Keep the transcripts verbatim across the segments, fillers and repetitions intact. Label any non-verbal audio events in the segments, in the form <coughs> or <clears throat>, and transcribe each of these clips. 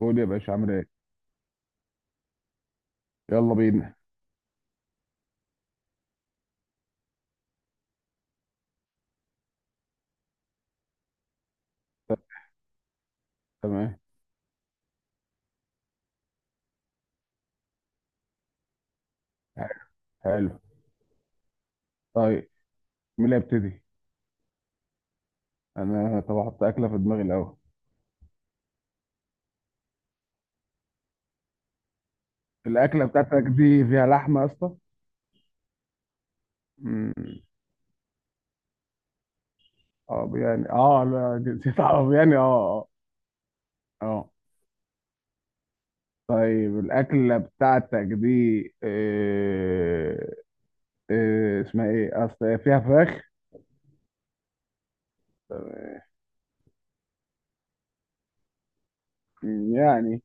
قول يا باشا عامل ايه. يلا بينا. ت- تمام. حلو. طيب، مين اللي هيبتدي؟ انا طب احط اكله في دماغي الاول. الاكله بتاعتك دي فيها لحمه يا اسطى؟ مم. اه يعني اه لا، نسيت اعرف يعني اه اه اه طيب الاكله بتاعتك دي إيه؟ إيه اسمها ايه؟ اصل هي فيها فراخ يعني.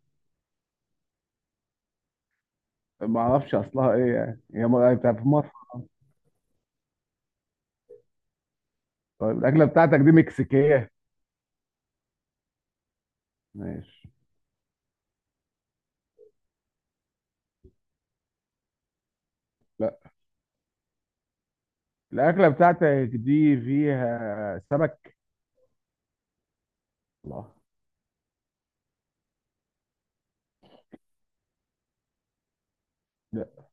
ما اعرفش اصلها ايه، يعني هي م- يعني بتاعت في مصر. طيب الاكله بتاعتك دي مكسيكيه؟ ماشي. لا. الأكلة بتاعتك دي فيها سمك؟ الله. لا.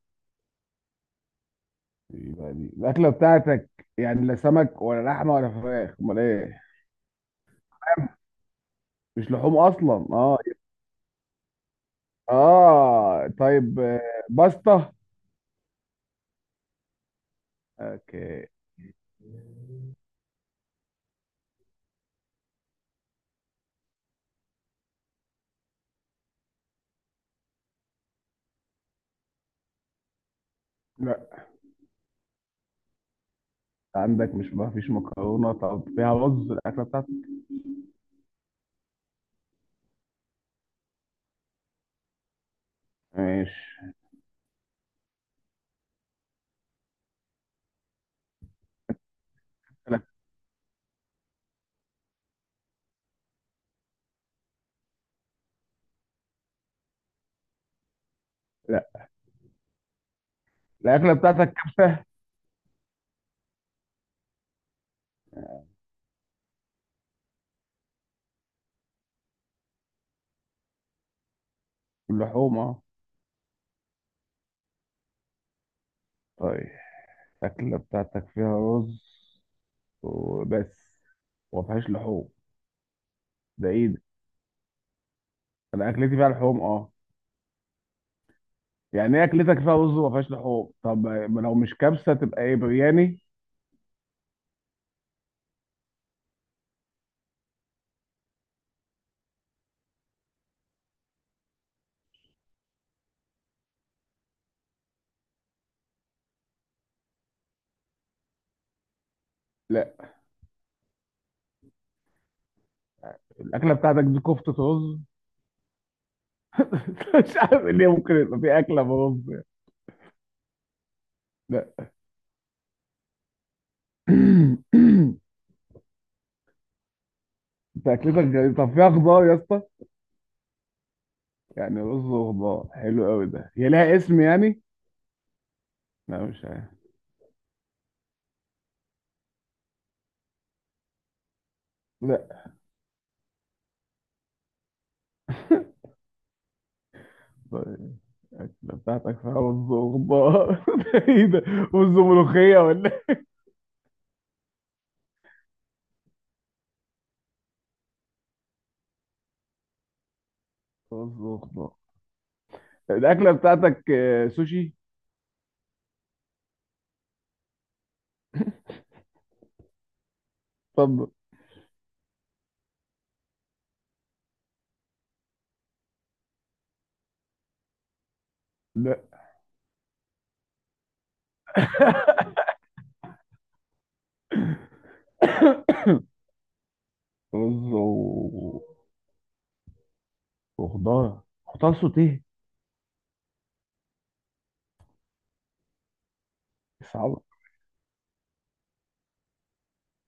يبقى دي الأكلة بتاعتك يعني لا سمك ولا لحمة ولا فراخ، أمال إيه؟ مش لحوم أصلا، أه. آه طيب آه، باستا. أوكي. لا. عندك مش ما فيش مكرونة، طب فيها رز الأكلة بتاعتك؟ ماشي. لا. لا، الأكلة بتاعتك كبسة؟ اللحوم، أه. طيب الأكلة بتاعتك فيها رز وبس، وما فيهاش لحوم. ده إيه ده؟ أنا أكلتي فيها لحوم، أه. يعني ايه اكلتك فيها رز وما فيهاش لحوم؟ طب ما لو مش كبسه تبقى ايه، برياني؟ لا. الاكله بتاعتك دي كفته رز؟ <laughs> مش عارف ليه ممكن يبقى في اكله برز يعني. لا. <coughs> <clears throat> انت اكلتك غريبة. طب فيها خضار يا اسطى؟ يعني رز وخضار؟ حلو قوي. ده هي لها اسم يعني؟ لا مش عارف. لا. <laughs> طيب الاكله بتاعتك فيها رز وخضار؟ <laughs> ده ايه ده؟ رز وملوخيه ولا إيه؟ رز وخضار. الاكله بتاعتك آه، سوشي؟ طب لا. <laughs> رز وخضار. خضار سوتيه. صعبة.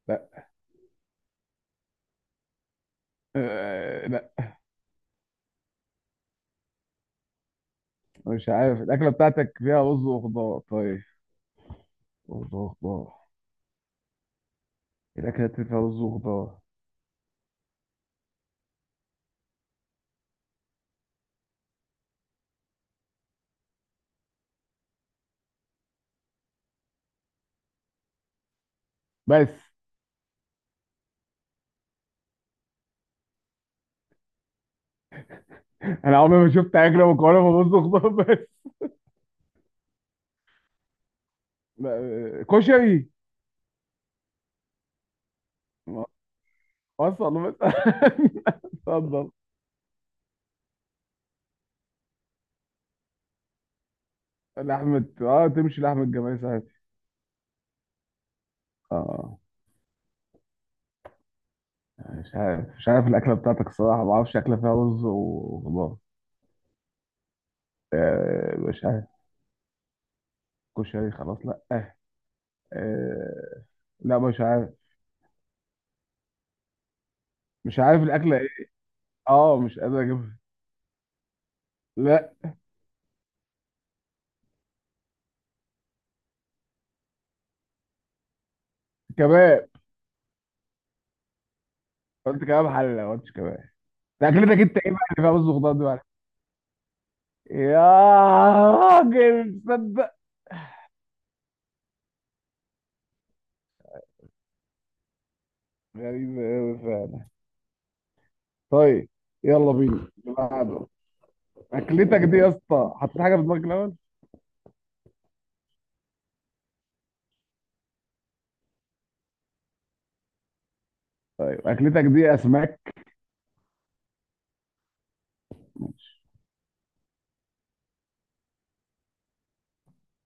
لا آه. لا مش عارف. الأكلة بتاعتك فيها رز وخضار، طيب. خضار خضار. الأكلة اللي فيها رز وخضار بس؟ أنا عمري ما شفت أكلة مكونة من رز وخضار بس. لا، آه، كشري. ما- وصل بس. <laughs> اتفضل. لحمة اه، تمشي لحمة جمال ساعتها. اه مش عارف، مش عارف الأكلة بتاعتك الصراحة. ما أعرفش أكلة فيها رز وخضار. آه مش عارف. كشري، خلاص لأ. آه، آه، لا مش عارف. مش عارف الاكله ايه. اه مش قادر اجيبها. لا. كباب. قلت كباب حل، ما قلتش كباب. ده اكلتك انت ايه بقى اللي فيها رز وخضار دي بقى؟ يا راجل، تصدق غريبة أوي فعلا. طيب، يلا بينا. اللي بعده. أكلتك دي يا اسطى، حطيت حاجة في دماغك الأول؟ طيب أكلتك دي أسماك؟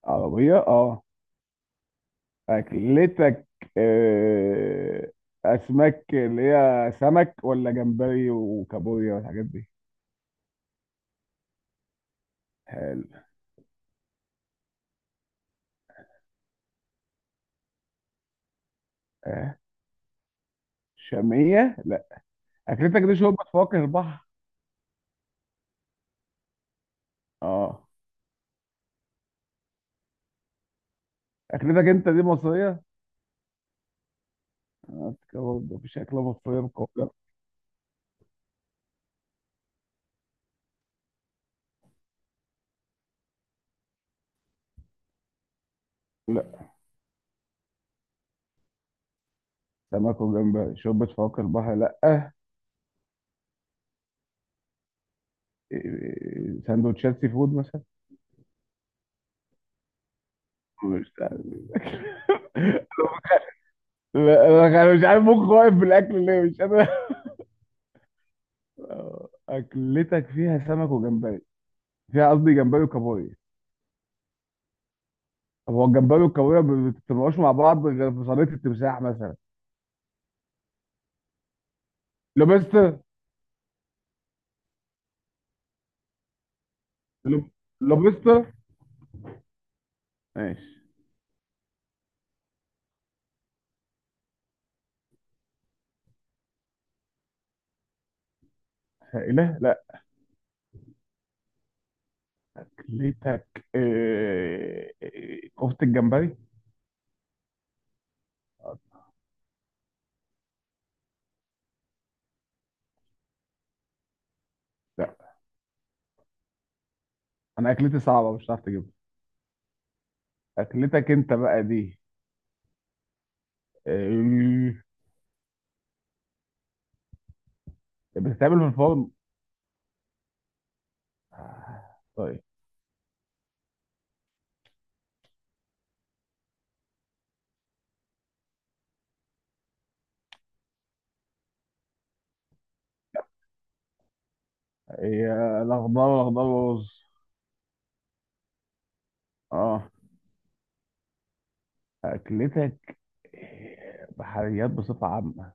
عربية؟ أه. أكلتك آه، أسماك اللي هي سمك ولا جمبري وكابوريا والحاجات دي؟ حلو. آه، شامية؟ لا. اكلتك دي شوربه فواكه البحر؟ اه. اكلتك انت دي مصريه؟ آه، برضه مفيش اكله مصريه مكوكه. لا. سمك وجمبري شوربه فواكه البحر لا آه. إيه، سندوتشات سي فود مثلا؟ مش عارف. لا انا أنا مش عارف مخي واقف بالاكل ليه، مش قادر. آه، اكلتك فيها سمك وجمبري، فيها قصدي جمبري وكابوريا. طب هو الجمبري والكابوريا ما بتتطلعوش مع بعض غير في صينيه التمساح مثلا. لوبستر. لوب- لوبستر. ماشي. لا لا. اكلتك آه، آه، كفتة الجمبري؟ لا. انا اكلتي صعبة، مش هتعرف تجيبها. اكلتك انت بقى دي آه، بتتعمل في الفرن؟ آه، طيب. هي الاخضر الاخضر ورز. اه. اكلتك آه، بحريات بصفة عامة،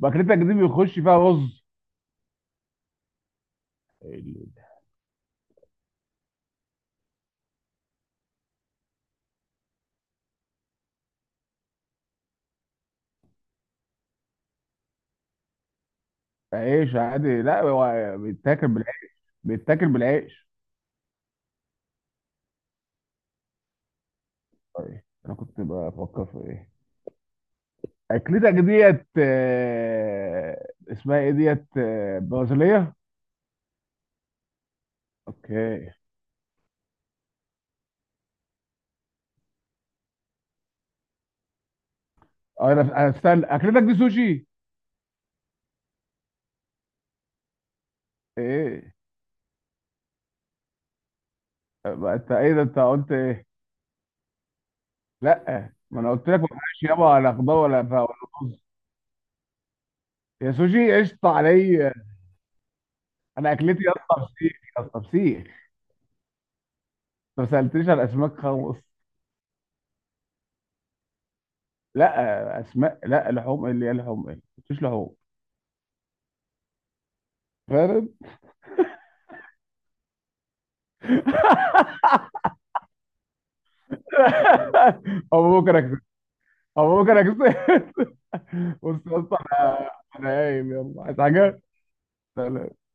واكلتك دي بيخش فيها رز؟ عيش عادي، لا هو بيتاكل بالعيش. بيتاكل بالعيش. طيب انا كنت بفكر في ايه. اكلتك ديت آه، اسمها ايه؟ ديت آه، برازيليه. اوكي. اه انا انا استنى، اكلتك دي سوشي؟ ايه؟ بقى انت ايه ده، انت قلت ايه؟ لا ما انا قلت لك ما فيهاش يابا، ولا خضار ولا فا- ولا رز. يا سوشي قشطه عليا. انا اكلتي يا اسطى فسيخ. يا اسطى فسيخ. انت ما سالتنيش على اسماك خالص. لا اسماء لا لحوم، ايه اللي هي لحوم؟ ايه؟ ما قلتش لحوم. فاهم. <laughs> او ممكن اكسب. او ممكن اكسب. <laughs> بص يا اسطى انا، أنا قايم يلا، عايز حاجه. سلام.